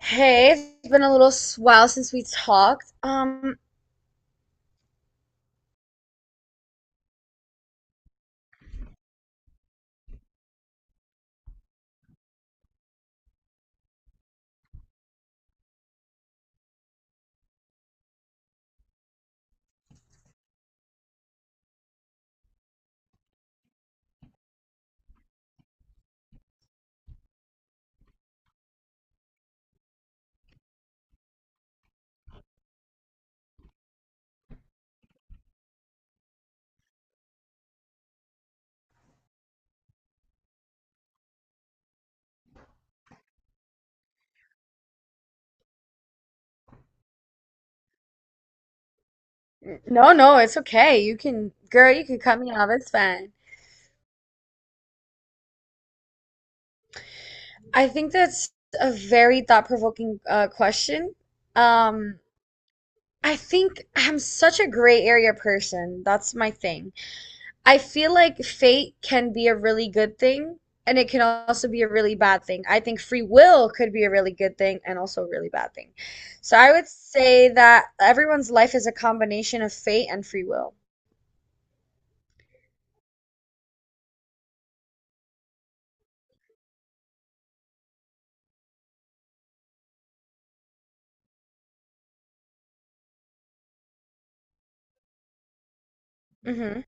Hey, it's been a little while since we talked. No, no, it's okay. You can, girl, you can cut me off. It's fine. I think that's a very thought-provoking question. Um, I think I'm such a gray area person. That's my thing. I feel like fate can be a really good thing, and it can also be a really bad thing. I think free will could be a really good thing and also a really bad thing. So I would say that everyone's life is a combination of fate and free will. hmm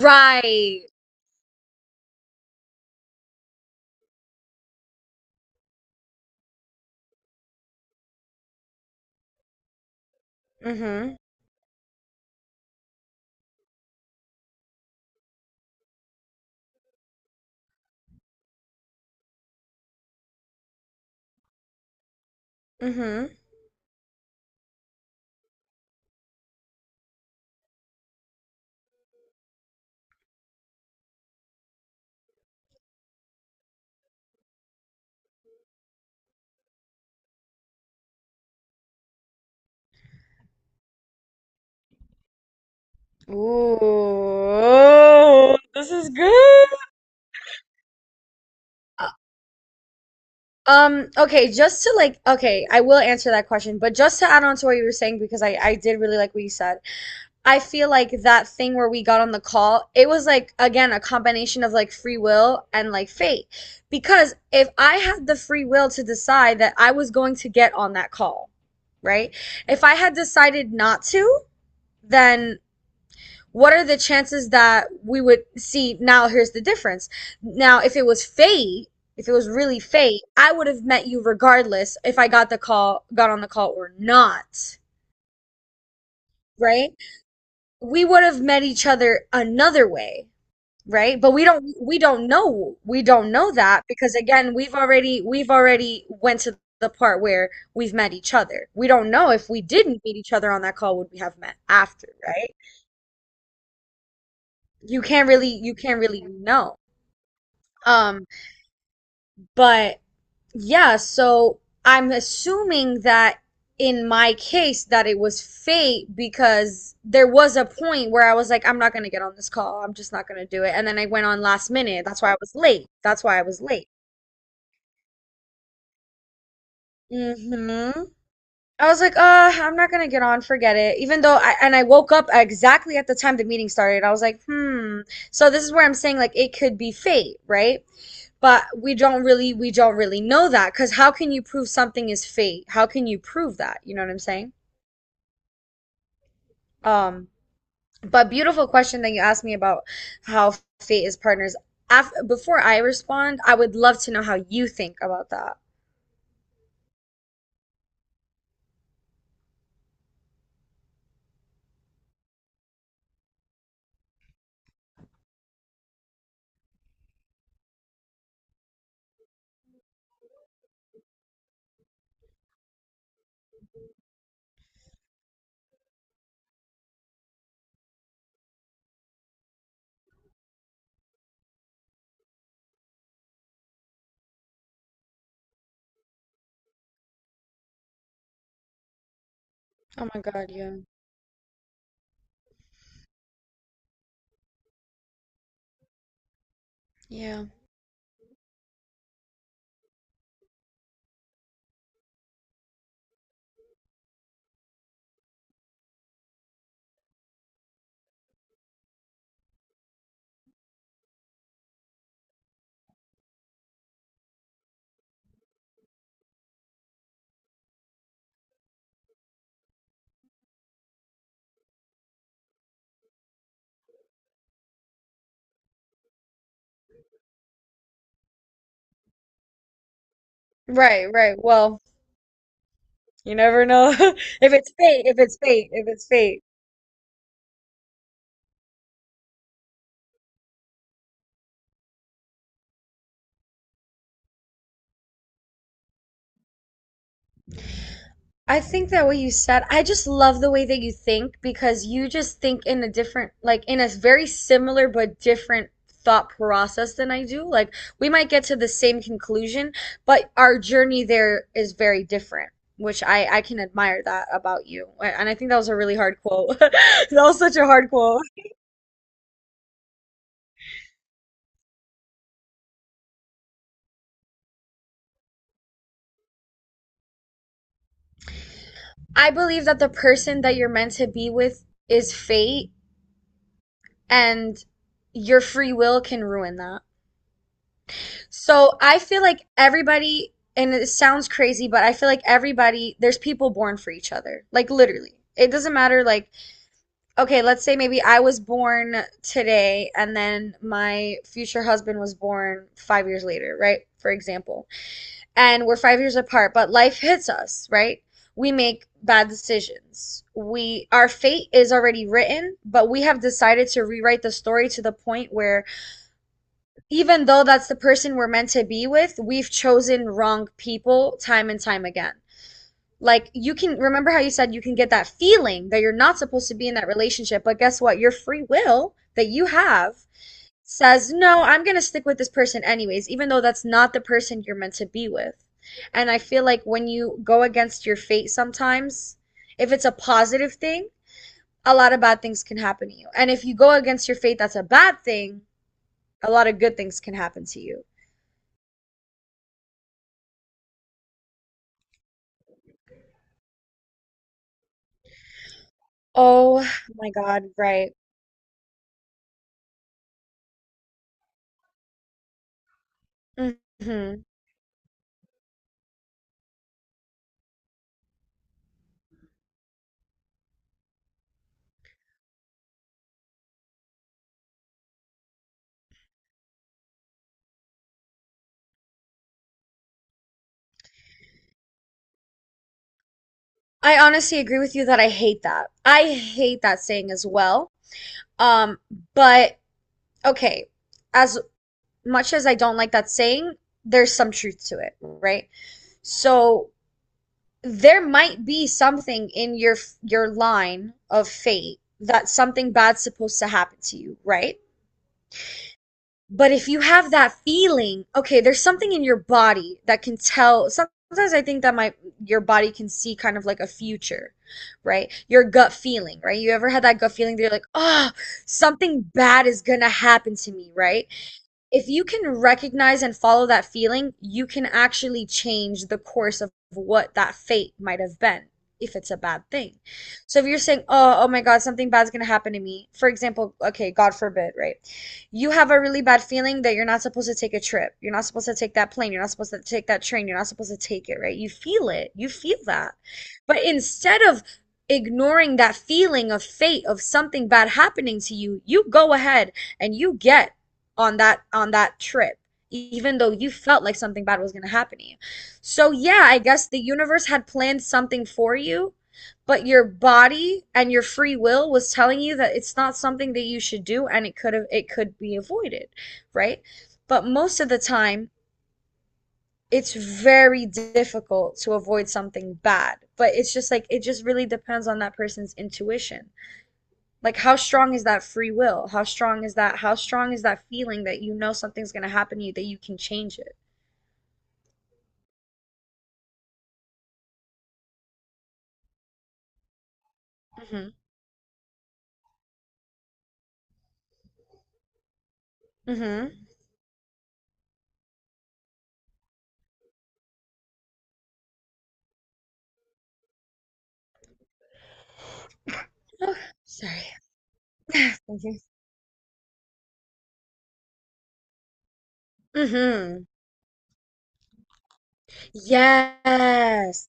Right. Mm-hmm. Mm-hmm. Ooh, this is good. Uh, okay, okay, I will answer that question, but just to add on to what you were saying, because I did really like what you said. I feel like that thing where we got on the call, it was like, again, a combination of like free will and like fate. Because if I had the free will to decide that I was going to get on that call, right? If I had decided not to, then what are the chances that we would see? Now here's the difference. Now if it was fate, if it was really fate, I would have met you regardless if I got the call, got on the call or not. Right, we would have met each other another way. Right, but we don't know. We don't know that, because again, we've already went to the part where we've met each other. We don't know if we didn't meet each other on that call, would we have met after, right? You can't really, you can't really know. um But yeah, so I'm assuming that in my case that it was fate, because there was a point where I was like, I'm not gonna get on this call. I'm just not gonna do it. And then I went on last minute. That's why I was late. That's why I was late. hmm I was like, I'm not gonna get on, forget it. Even though I, and I woke up exactly at the time the meeting started. I was like, hmm. So this is where I'm saying like it could be fate, right? But we don't really know that, because how can you prove something is fate? How can you prove that? You know what I'm saying? Um, but beautiful question that you asked me about how fate is partners. Af Before I respond, I would love to know how you think about that. Oh my God, yeah. Yeah. Right, right. Well, you never know if it's fate, if it's fate, if it's fate. I think that what you said, I just love the way that you think, because you just think in a different, like in a very similar but different thought process than I do. Like we might get to the same conclusion, but our journey there is very different, which I can admire that about you. And I think that was a really hard quote. That was such a hard quote. I believe that the person that you're meant to be with is fate, and your free will can ruin that. So I feel like everybody, and it sounds crazy, but I feel like everybody, there's people born for each other. Like literally. It doesn't matter, like, okay, let's say maybe I was born today, and then my future husband was born 5 years later, right? For example. And we're 5 years apart, but life hits us, right? We make bad decisions. Our fate is already written, but we have decided to rewrite the story to the point where, even though that's the person we're meant to be with, we've chosen wrong people time and time again. Like, you can remember how you said you can get that feeling that you're not supposed to be in that relationship, but guess what? Your free will that you have says, "No, I'm going to stick with this person anyways, even though that's not the person you're meant to be with." And I feel like when you go against your fate sometimes, if it's a positive thing, a lot of bad things can happen to you. And if you go against your fate, that's a bad thing, a lot of good things can happen to you. Oh my God, right. hmm I honestly agree with you that I hate that. I hate that saying as well. Um, but okay, as much as I don't like that saying, there's some truth to it, right? So there might be something in your line of fate, that something bad's supposed to happen to you, right? But if you have that feeling, okay, there's something in your body that can tell. Sometimes I think that my your body can see kind of like a future, right? Your gut feeling, right? You ever had that gut feeling that you're like, oh, something bad is gonna happen to me, right? If you can recognize and follow that feeling, you can actually change the course of what that fate might have been if it's a bad thing. So if you're saying, "Oh, oh my God, something bad's gonna happen to me," for example, okay, God forbid, right? You have a really bad feeling that you're not supposed to take a trip. You're not supposed to take that plane. You're not supposed to take that train. You're not supposed to take it, right? You feel it. You feel that. But instead of ignoring that feeling of fate of something bad happening to you, you go ahead and you get on that trip, even though you felt like something bad was going to happen to you. So yeah, I guess the universe had planned something for you, but your body and your free will was telling you that it's not something that you should do, and it could be avoided, right? But most of the time, it's very difficult to avoid something bad. But it's just like, it just really depends on that person's intuition, like how strong is that free will, how strong is that feeling that you know something's going to happen to you that you can change it. Mm-hmm. Mm-hmm. Oh, sorry. Thank you. Mm-hmm. Yes.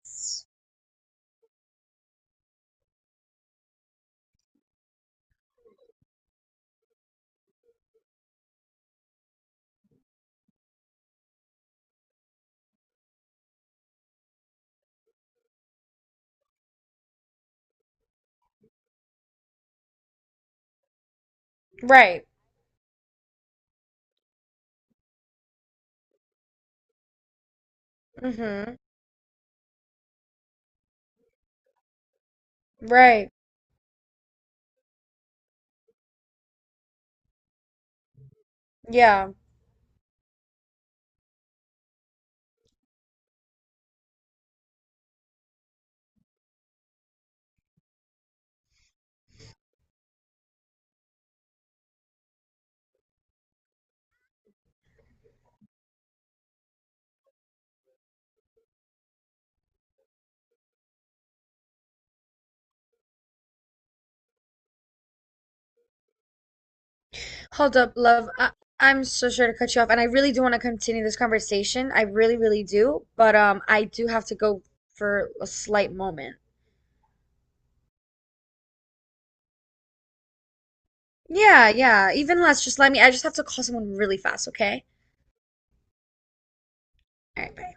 Right. Mm-hmm. Right. Yeah. Hold up, love, I'm so sure to cut you off, and I really do want to continue this conversation, I really really do, but I do have to go for a slight moment. Yeah, yeah, even less. Just let me, I just have to call someone really fast, okay? All right, bye.